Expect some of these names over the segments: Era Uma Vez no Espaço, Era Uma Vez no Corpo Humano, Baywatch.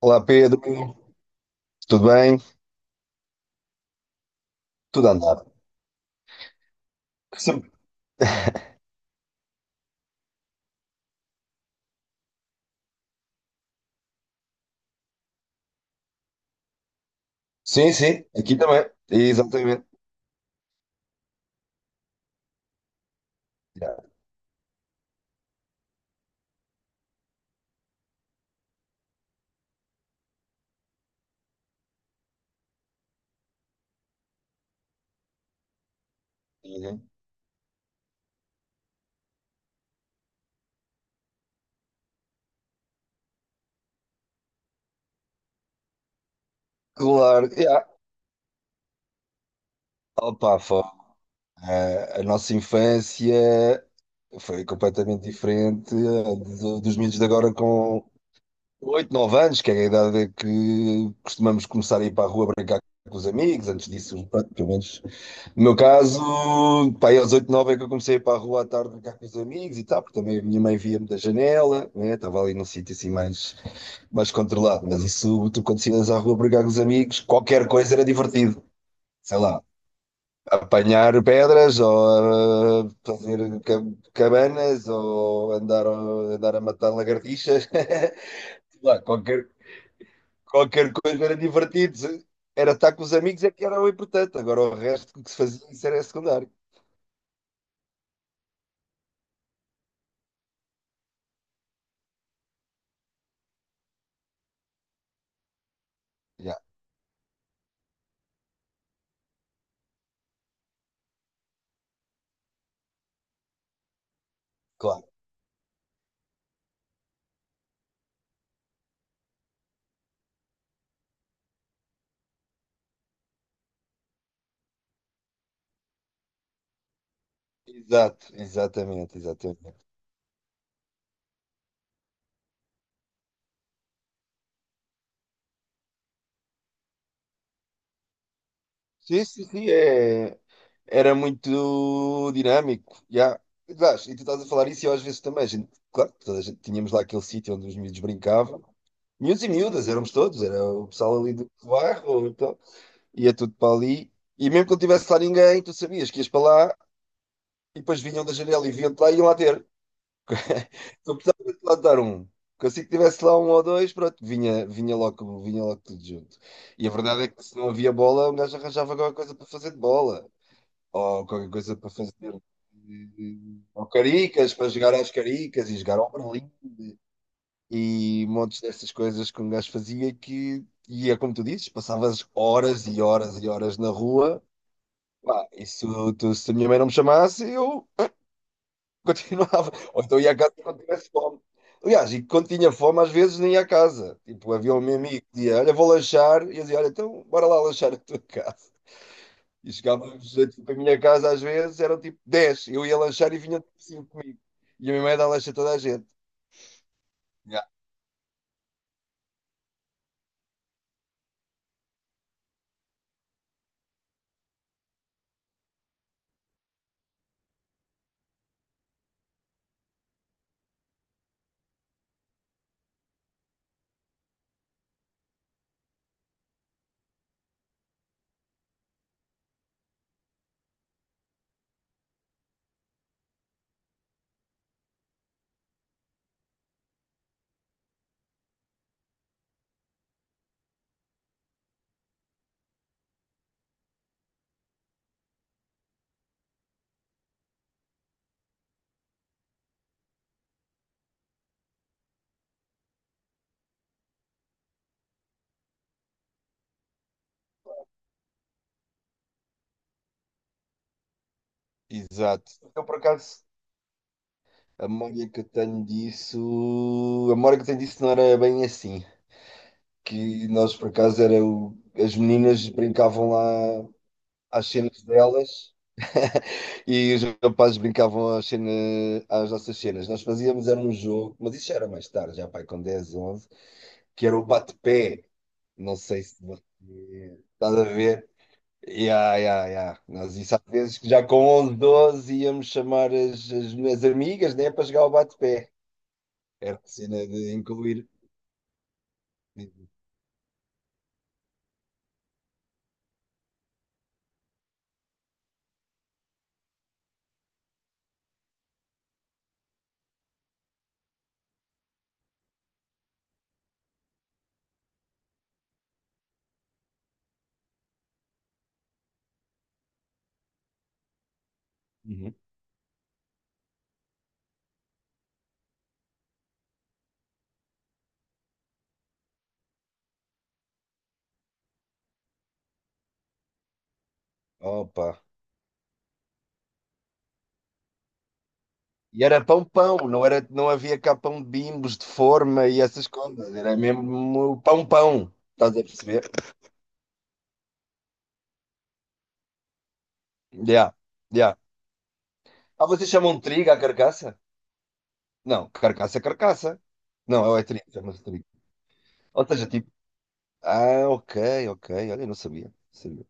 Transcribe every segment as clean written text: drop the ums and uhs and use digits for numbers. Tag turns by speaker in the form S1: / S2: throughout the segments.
S1: Olá, Pedro, tudo bem? Tudo a andar. Sim, sim, sim, aqui também. Exatamente. Yeah. Uhum. Claro, yeah. Opa, foi, a nossa infância foi completamente diferente, dos miúdos de agora com 8 9 anos, que é a idade que costumamos começar a ir para a rua brincar com os amigos. Antes disso, pronto, pelo menos no meu caso, pá, aí aos 8, 9 é que eu comecei a ir para a rua à tarde brincar com os amigos e tal, porque também a minha mãe via-me da janela, né? Estava ali num sítio mais controlado. Mas isso, tu quando saías à rua brincar com os amigos, qualquer coisa era divertido. Sei lá, apanhar pedras ou fazer cabanas ou andar a matar lagartixas. Sei lá, qualquer coisa era divertido. Era estar com os amigos é que era o importante. Agora, o resto que se fazia, isso era secundário. Já, claro. Exato, exatamente, exatamente. Sim, sim, sim, é... era muito dinâmico. Já. Aliás, e tu estás a falar isso e eu às vezes também. Claro, toda a gente, tínhamos lá aquele sítio onde os miúdos brincavam. Miúdos e miúdas, éramos todos, era o pessoal ali do bairro. Então, ia tudo para ali. E mesmo que não tivesse lá ninguém, tu sabias que ias para lá e depois vinham da janela e vinham-te lá e iam lá ter. Eu precisava de lá dar um. Porque assim que tivesse lá um ou dois, pronto, vinha logo, vinha logo tudo junto. E a verdade é que se não havia bola, um gajo arranjava qualquer coisa para fazer de bola. Ou qualquer coisa para fazer. Ou caricas, para jogar às caricas e jogar ao Berlim. E montes dessas coisas que um gajo fazia, que... E é como tu dizes, passavas horas e horas e horas na rua. Pá, isso, tu, se a minha mãe não me chamasse, eu continuava. Ou então ia à casa quando tivesse fome. Aliás, e quando tinha fome, às vezes nem ia à casa. Tipo, havia um meu amigo que dizia: "Olha, vou lanchar." E eu dizia: "Olha, então bora lá lanchar a tua casa." E chegávamos, tipo, a minha casa, às vezes eram tipo dez. Eu ia lanchar e vinha tipo 5 comigo. E a minha mãe dá lanche a toda a gente. Yeah. Exato. Então, por acaso, a memória que eu tenho disso... A memória que eu tenho disso não era bem assim. Que nós, por acaso, era o... as meninas brincavam lá às cenas delas. E os rapazes brincavam às, cena, às nossas cenas. Nós fazíamos, era um jogo, mas isso já era mais tarde, já pai, com 10, 11, que era o bate-pé. Não sei se estás a ver. Ya, ya, ya. Nós, isso às vezes, que já com 11, 12 íamos chamar as, as minhas amigas, né, para jogar o bate-pé. Era a cena de incluir. Uhum. Opa. E era pão-pão, não era, não havia cá pão de bimbos, de forma e essas coisas. Era mesmo pão-pão. Estás a perceber? Yeah, yeah. Ah, vocês chamam trigo à carcaça? Não, carcaça é carcaça. Não, é trigo, chama-se trigo. Ou seja, tipo, ah, ok, ok, olha, eu não sabia. Sabia.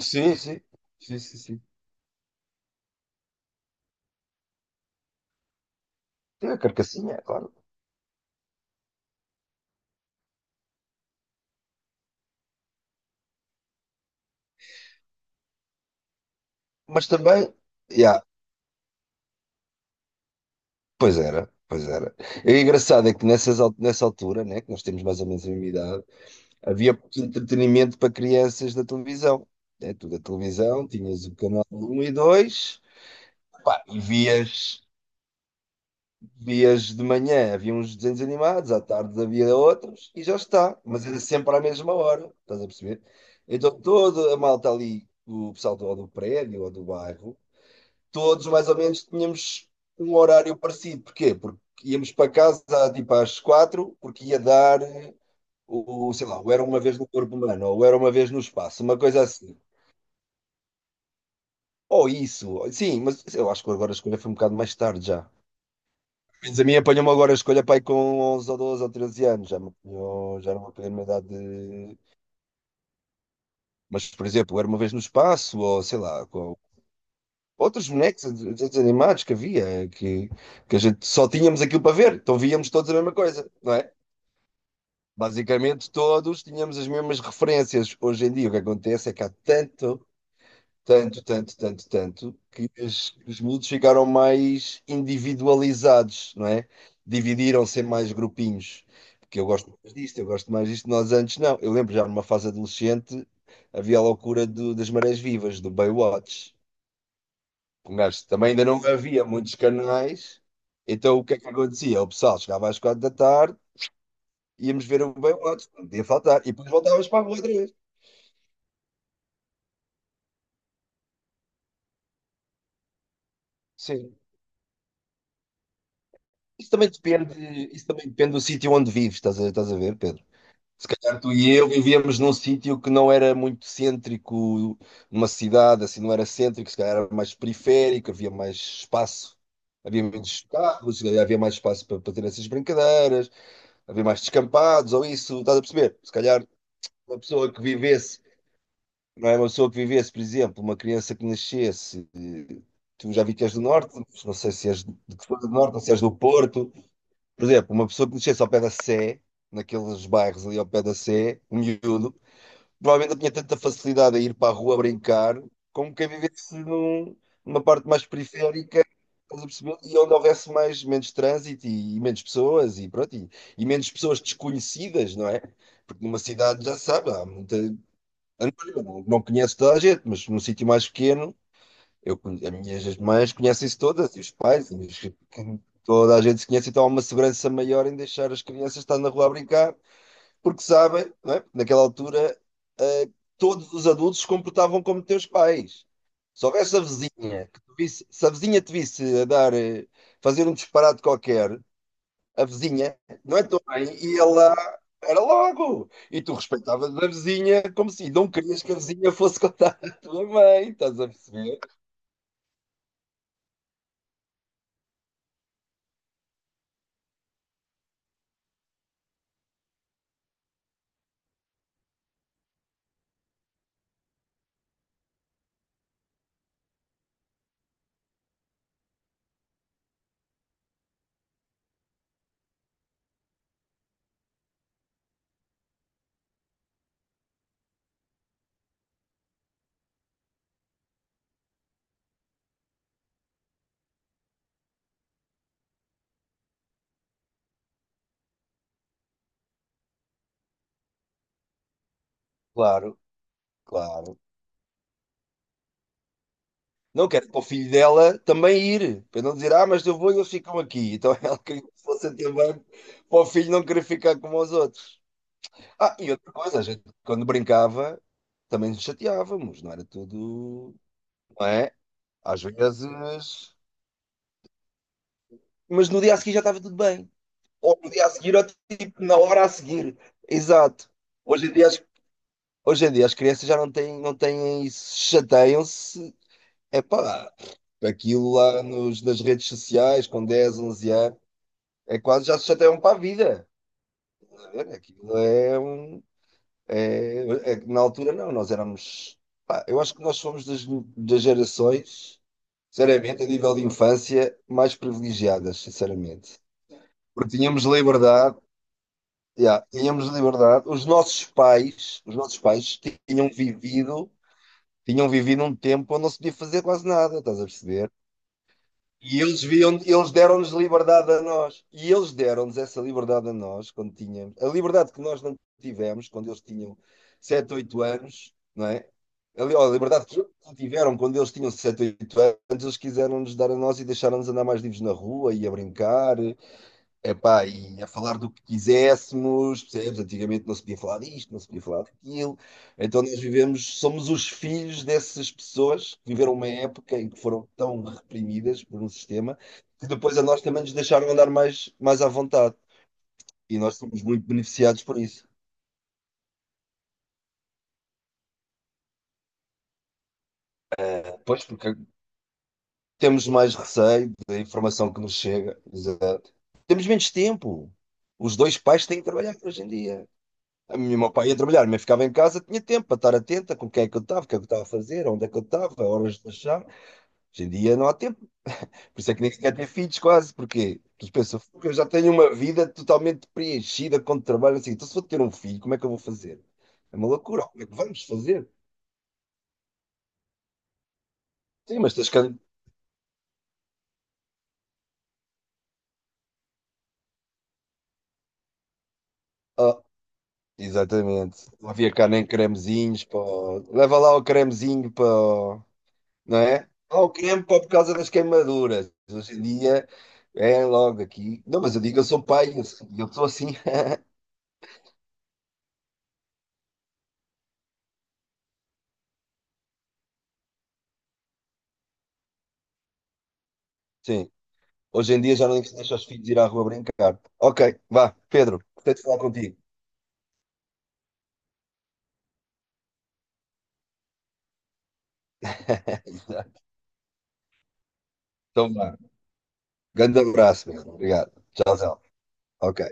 S1: Sim, sim, sim, sim, sim. Tem a carcassinha, é claro. Mas também, yeah, pois era, pois era. E o engraçado é que nessas, nessa altura, né, que nós temos mais ou menos a mesma idade, havia entretenimento para crianças da televisão. É, tu da televisão tinhas o canal um e dois, pá, e vias. Vias de manhã havia uns desenhos animados, à tarde havia outros e já está. Mas era sempre à mesma hora, estás a perceber? Então toda a malta ali, o pessoal ou do prédio ou do bairro, todos mais ou menos tínhamos um horário parecido. Porquê? Porque íamos para casa tipo às quatro, porque ia dar sei lá, o Era Uma Vez no Corpo Humano ou o Era Uma Vez no Espaço, uma coisa assim. Ou isso, sim, mas eu acho que agora a escolha foi um bocado mais tarde já. Mas a mim apanhou-me agora a escolha, pai, com 11 ou 12 ou 13 anos, já, já não me apanhou numa idade de... Mas, por exemplo, Era Uma Vez no Espaço, ou sei lá, com outros bonecos, desenhos animados, que havia, que a gente só tínhamos aquilo para ver, então víamos todos a mesma coisa, não é? Basicamente todos tínhamos as mesmas referências. Hoje em dia, o que acontece é que há tanto... tanto, tanto, tanto, tanto, que que os miúdos ficaram mais individualizados, não é? Dividiram-se em mais grupinhos. Porque eu gosto mais disto, eu gosto mais disto. Nós antes não. Eu lembro, já numa fase adolescente, havia a loucura das marés vivas, do Baywatch. Um gajo também, ainda não havia muitos canais. Então, o que é que acontecia? O pessoal chegava às quatro da tarde, íamos ver o Baywatch, não podia faltar. E depois voltávamos para a rua outra vez. Sim. Isso também depende, isso também depende do sítio onde vives, estás a ver, Pedro? Se calhar tu e eu vivíamos num sítio que não era muito cêntrico, numa cidade assim, não era cêntrico, se calhar era mais periférico, havia mais espaço, havia menos carros, se calhar havia mais espaço para ter essas brincadeiras, havia mais descampados ou isso, estás a perceber? Se calhar uma pessoa que vivesse, não é, uma pessoa que vivesse, por exemplo, uma criança que nascesse, tu, já vi que és do Norte, mas não sei se és de que zona do Norte ou se és do Porto. Por exemplo, uma pessoa que nascesse ao pé da Sé, naqueles bairros ali ao pé da Sé, um miúdo provavelmente eu tinha tanta facilidade a ir para a rua brincar como quem vivesse numa parte mais periférica, estás a perceber? E onde houvesse mais, menos trânsito e menos pessoas e pronto, e menos pessoas desconhecidas, não é? Porque numa cidade já sabe, há muita... anónima. Não, não conheço toda a gente, mas num sítio mais pequeno, as minhas mães conhecem-se todas, e os pais, toda a gente se conhece, então há uma segurança maior em deixar as crianças estar na rua a brincar porque sabem, não é? Porque naquela altura, ah, todos os adultos se comportavam como teus pais. Se houvesse a vizinha que te visse, se a vizinha te visse a dar, fazer um disparate qualquer, a vizinha, não é tão bem, ia lá, era logo. E tu respeitavas a vizinha, como se, não querias que a vizinha fosse contar à tua mãe, estás a perceber? Claro, claro. Não quero, para o filho dela também ir, para não dizer: "Ah, mas eu vou e eles ficam aqui." Então ela queria que fosse também, para o filho não querer ficar como os outros. Ah, e outra coisa, a gente, quando brincava, também nos chateávamos, não era tudo, não é? Às vezes, mas no dia a seguir já estava tudo bem. Ou no dia a seguir, ou tipo na hora a seguir. Exato. Hoje em dia, as- hoje em dia, as crianças já não têm, não têm isso, chateiam-se. Epá, aquilo lá nos, nas redes sociais, com 10, 11 anos, é quase já se chateiam para a vida. Estás a ver? Aquilo é um... É, é que na altura, não, nós éramos... pá, eu acho que nós fomos das, das gerações, sinceramente, a nível de infância, mais privilegiadas, sinceramente. Porque tínhamos liberdade, yeah, tínhamos liberdade. Os nossos pais tinham vivido, um tempo onde não se podia fazer quase nada, estás a perceber? E eles viam, eles deram-nos liberdade a nós. E eles deram-nos essa liberdade a nós quando tínhamos... a liberdade que nós não tivemos, quando eles tinham 7, 8 anos, não é? A liberdade que eles tiveram quando eles tinham 7, 8 anos, eles quiseram nos dar a nós e deixaram-nos andar mais livres na rua e a brincar. Epá, e a falar do que quiséssemos, percebes? Antigamente não se podia falar disto, não se podia falar daquilo. Então, nós vivemos, somos os filhos dessas pessoas que viveram uma época em que foram tão reprimidas por um sistema que depois a nós também nos deixaram andar mais, mais à vontade. E nós somos muito beneficiados por isso. Pois, porque temos mais receio da informação que nos chega. Exato. Temos menos tempo. Os dois pais têm que trabalhar hoje em dia. O meu pai ia trabalhar, mas ficava em casa, tinha tempo para estar atenta com quem é que eu estava, o que é que eu estava a fazer, onde é que eu estava, horas de lanchar. Hoje em dia não há tempo. Por isso é que nem sequer ter filhos quase, porque tu pensas: "Fogo, eu já tenho uma vida totalmente preenchida com trabalho, assim. Então, se vou ter um filho, como é que eu vou fazer? É uma loucura, como é que vamos fazer?" Sim, mas tens que... Ah, exatamente. Não havia cá nem cremezinhos para... leva lá o cremezinho para... não é? Ao campo, por causa das queimaduras. Hoje em dia é logo aqui. Não, mas eu digo, eu sou pai, eu sou assim. Sim, hoje em dia já não deixa os filhos ir à rua brincar. Ok, vá, Pedro, gostei de falar contigo. Então, vá, grande abraço, meu. Obrigado. Tchau, tchau. Ok.